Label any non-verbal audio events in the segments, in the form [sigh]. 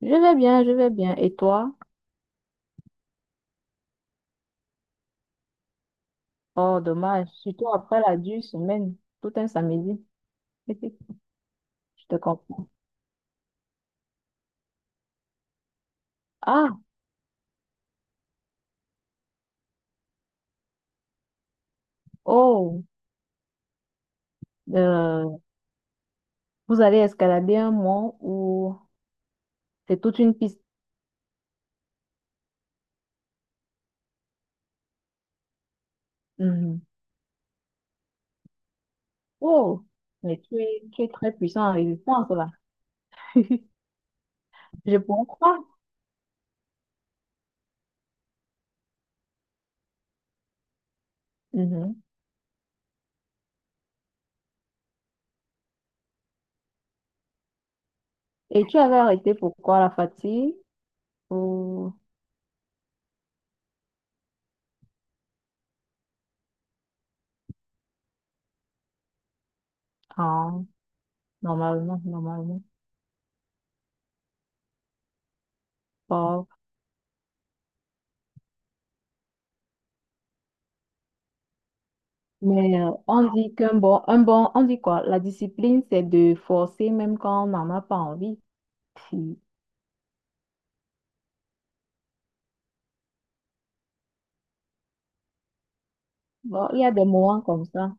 Je vais bien, je vais bien. Et toi? Oh, dommage. Surtout après la dure semaine, tout un samedi. [laughs] Je te comprends. Ah, oh, euh, vous allez escalader un mont où c'est toute une piste. Mhm. Oh, mais tu es très puissant en résistance là. [laughs] Je comprends. Mhm. Et tu avais arrêté pourquoi la fatigue? Ou... Ah, normalement, normalement. Oh. Mais on dit qu'un bon, on dit quoi? La discipline, c'est de forcer même quand on n'en a pas envie. Puis, bon, il y a des moments comme ça.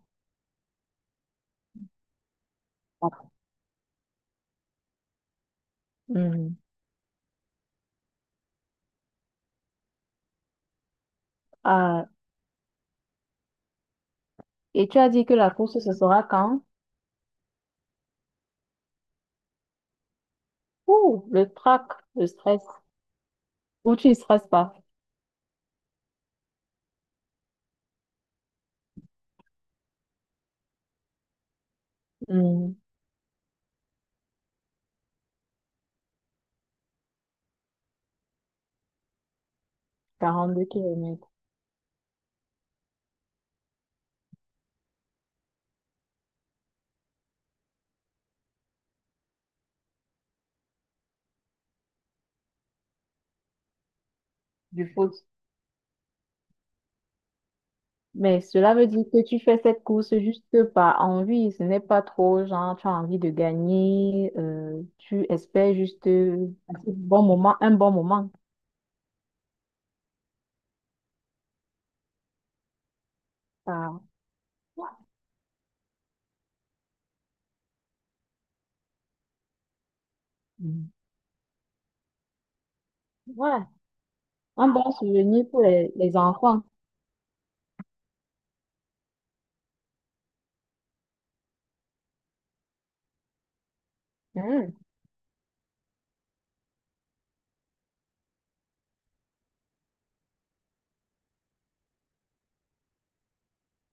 Mhm. Ah, et tu as dit que la course, ce sera quand? Ouh, le trac, le stress. Ou tu ne stresses pas. Mhm. 42 km du foot. Mais cela veut dire que tu fais cette course juste par envie. Ce n'est pas trop genre, tu as envie de gagner, tu espères juste un bon moment, un bon moment. Ah. Mm. Ouais, un bon souvenir pour les enfants. Hmm.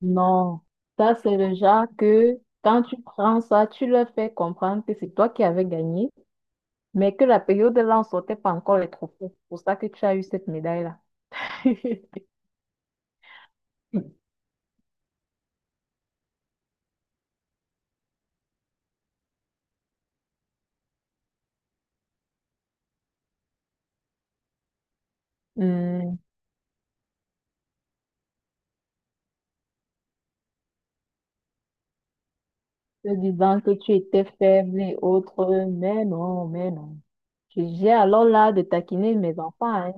Non, ça c'est le genre que quand tu prends ça, tu leur fais comprendre que c'est toi qui avais gagné, mais que la période là, on sortait pas encore les trophées. C'est pour ça que tu as eu cette médaille-là. [laughs] Hmm, te disant que tu étais faible et autres, mais non, mais non. J'ai alors là de taquiner mes enfants, hein.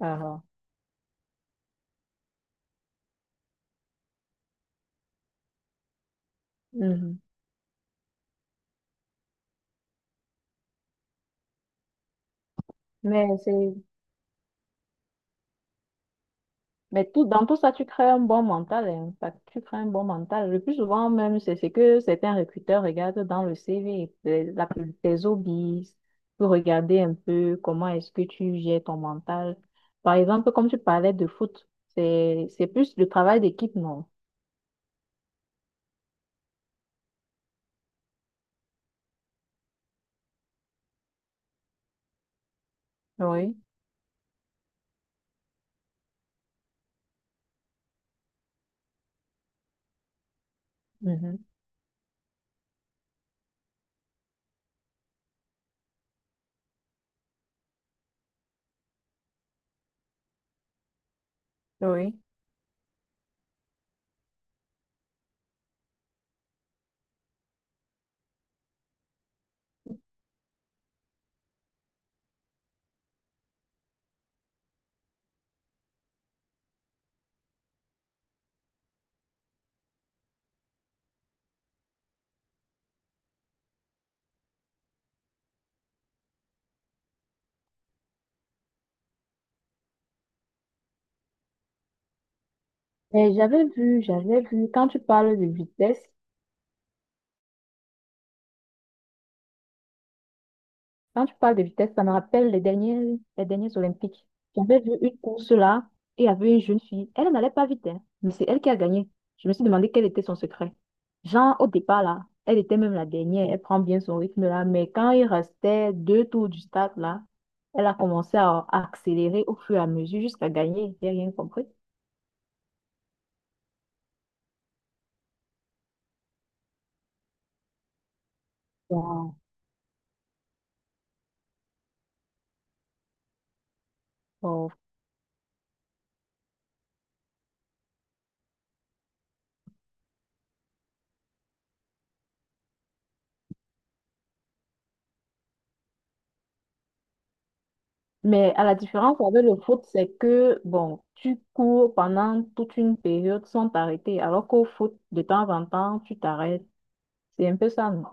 Ah, ah. Mhm. Mais c'est Mais tout, dans tout ça, tu crées un bon mental, hein. Fait que tu crées un bon mental. Le plus souvent, même, c'est ce que certains recruteurs regardent dans le CV, tes hobbies, pour regarder un peu comment est-ce que tu gères ton mental. Par exemple, comme tu parlais de foot, c'est plus le travail d'équipe, non? Oui, mhm. Oui. Et j'avais vu, quand tu parles de vitesse, quand tu parles de vitesse, ça me rappelle les dernières Olympiques. J'avais vu une course là et il y avait une jeune fille. Elle n'allait pas vite, hein, mais c'est elle qui a gagné. Je me suis demandé quel était son secret. Genre, au départ là, elle était même la dernière, elle prend bien son rythme là, mais quand il restait deux tours du stade là, elle a commencé à accélérer au fur et à mesure jusqu'à gagner. J'ai rien compris. Wow. Mais à la différence avec le foot, c'est que, bon, tu cours pendant toute une période sans t'arrêter, alors qu'au foot, de temps en temps, tu t'arrêtes. C'est un peu ça, non?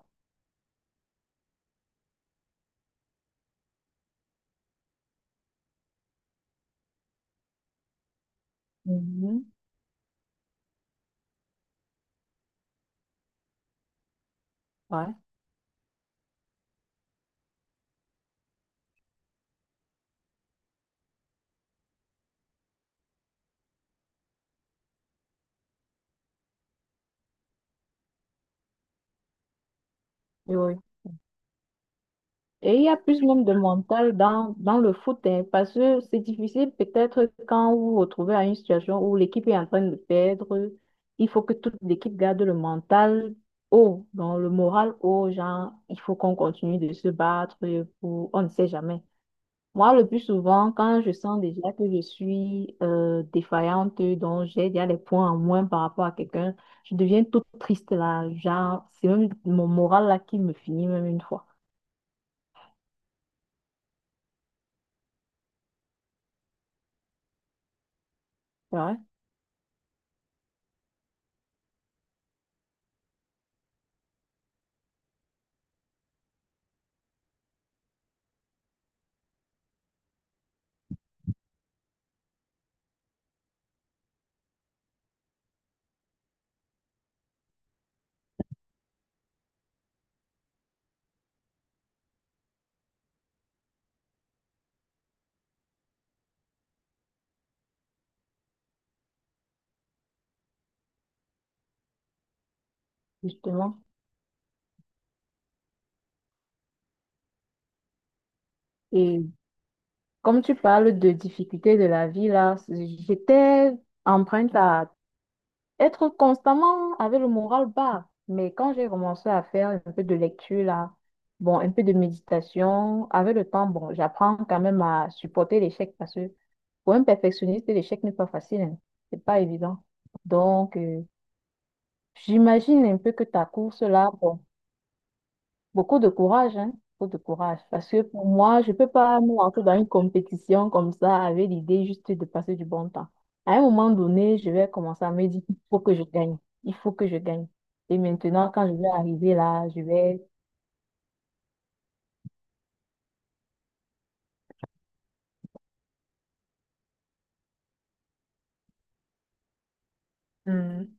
Mhm. Ouais, oui, oui. Et il y a plus même de mental dans, dans le foot, hein, parce que c'est difficile peut-être quand vous vous retrouvez à une situation où l'équipe est en train de perdre, il faut que toute l'équipe garde le mental haut, dans le moral haut, genre, il faut qu'on continue de se battre pour, on ne sait jamais. Moi, le plus souvent, quand je sens déjà que je suis défaillante, donc j'ai déjà des points en moins par rapport à quelqu'un, je deviens toute triste là. Genre, c'est même mon moral là qui me finit même une fois. C'est vrai, justement. Et comme tu parles de difficultés de la vie là, c'est- j'étais empreinte à être constamment avec le moral bas. Mais quand j'ai commencé à faire un peu de lecture là, bon, un peu de méditation, avec le temps, bon, j'apprends quand même à supporter l'échec parce que pour un perfectionniste, l'échec n'est pas facile, hein. C'est pas évident. Donc, j'imagine un peu que ta course là, bon, beaucoup de courage, hein, beaucoup de courage. Parce que pour moi, je peux pas me lancer dans une compétition comme ça avec l'idée juste de passer du bon temps. À un moment donné, je vais commencer à me dire, il faut que je gagne. Il faut que je gagne. Et maintenant, quand je vais arriver là, je vais... Mhm.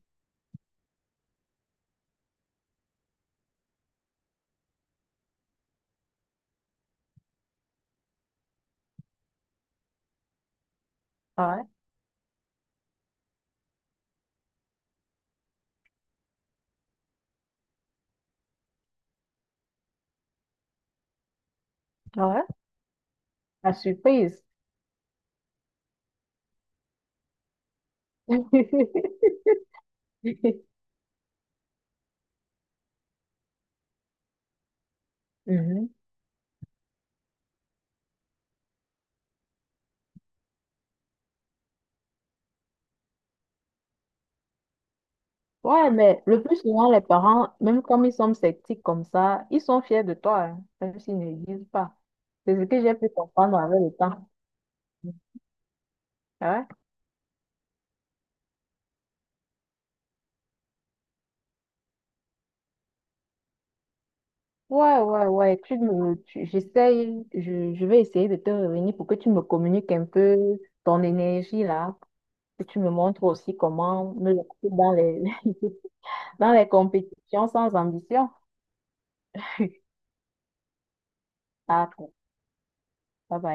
Ouais, ouais. La surprise. [laughs] Mhm. Ouais, mais le plus souvent, les parents, même comme ils sont sceptiques comme ça, ils sont fiers de toi, hein, même s'ils ne le disent pas. C'est ce que j'ai pu comprendre avec le temps. Ah, ouais, ouais, ouais, ouais. Tu me, tu- j'essaye, je vais essayer de te revenir pour que tu me communiques un peu ton énergie là, que tu me montres aussi comment me lancer dans les, [laughs] dans les compétitions sans ambition. [laughs] Ah, ça va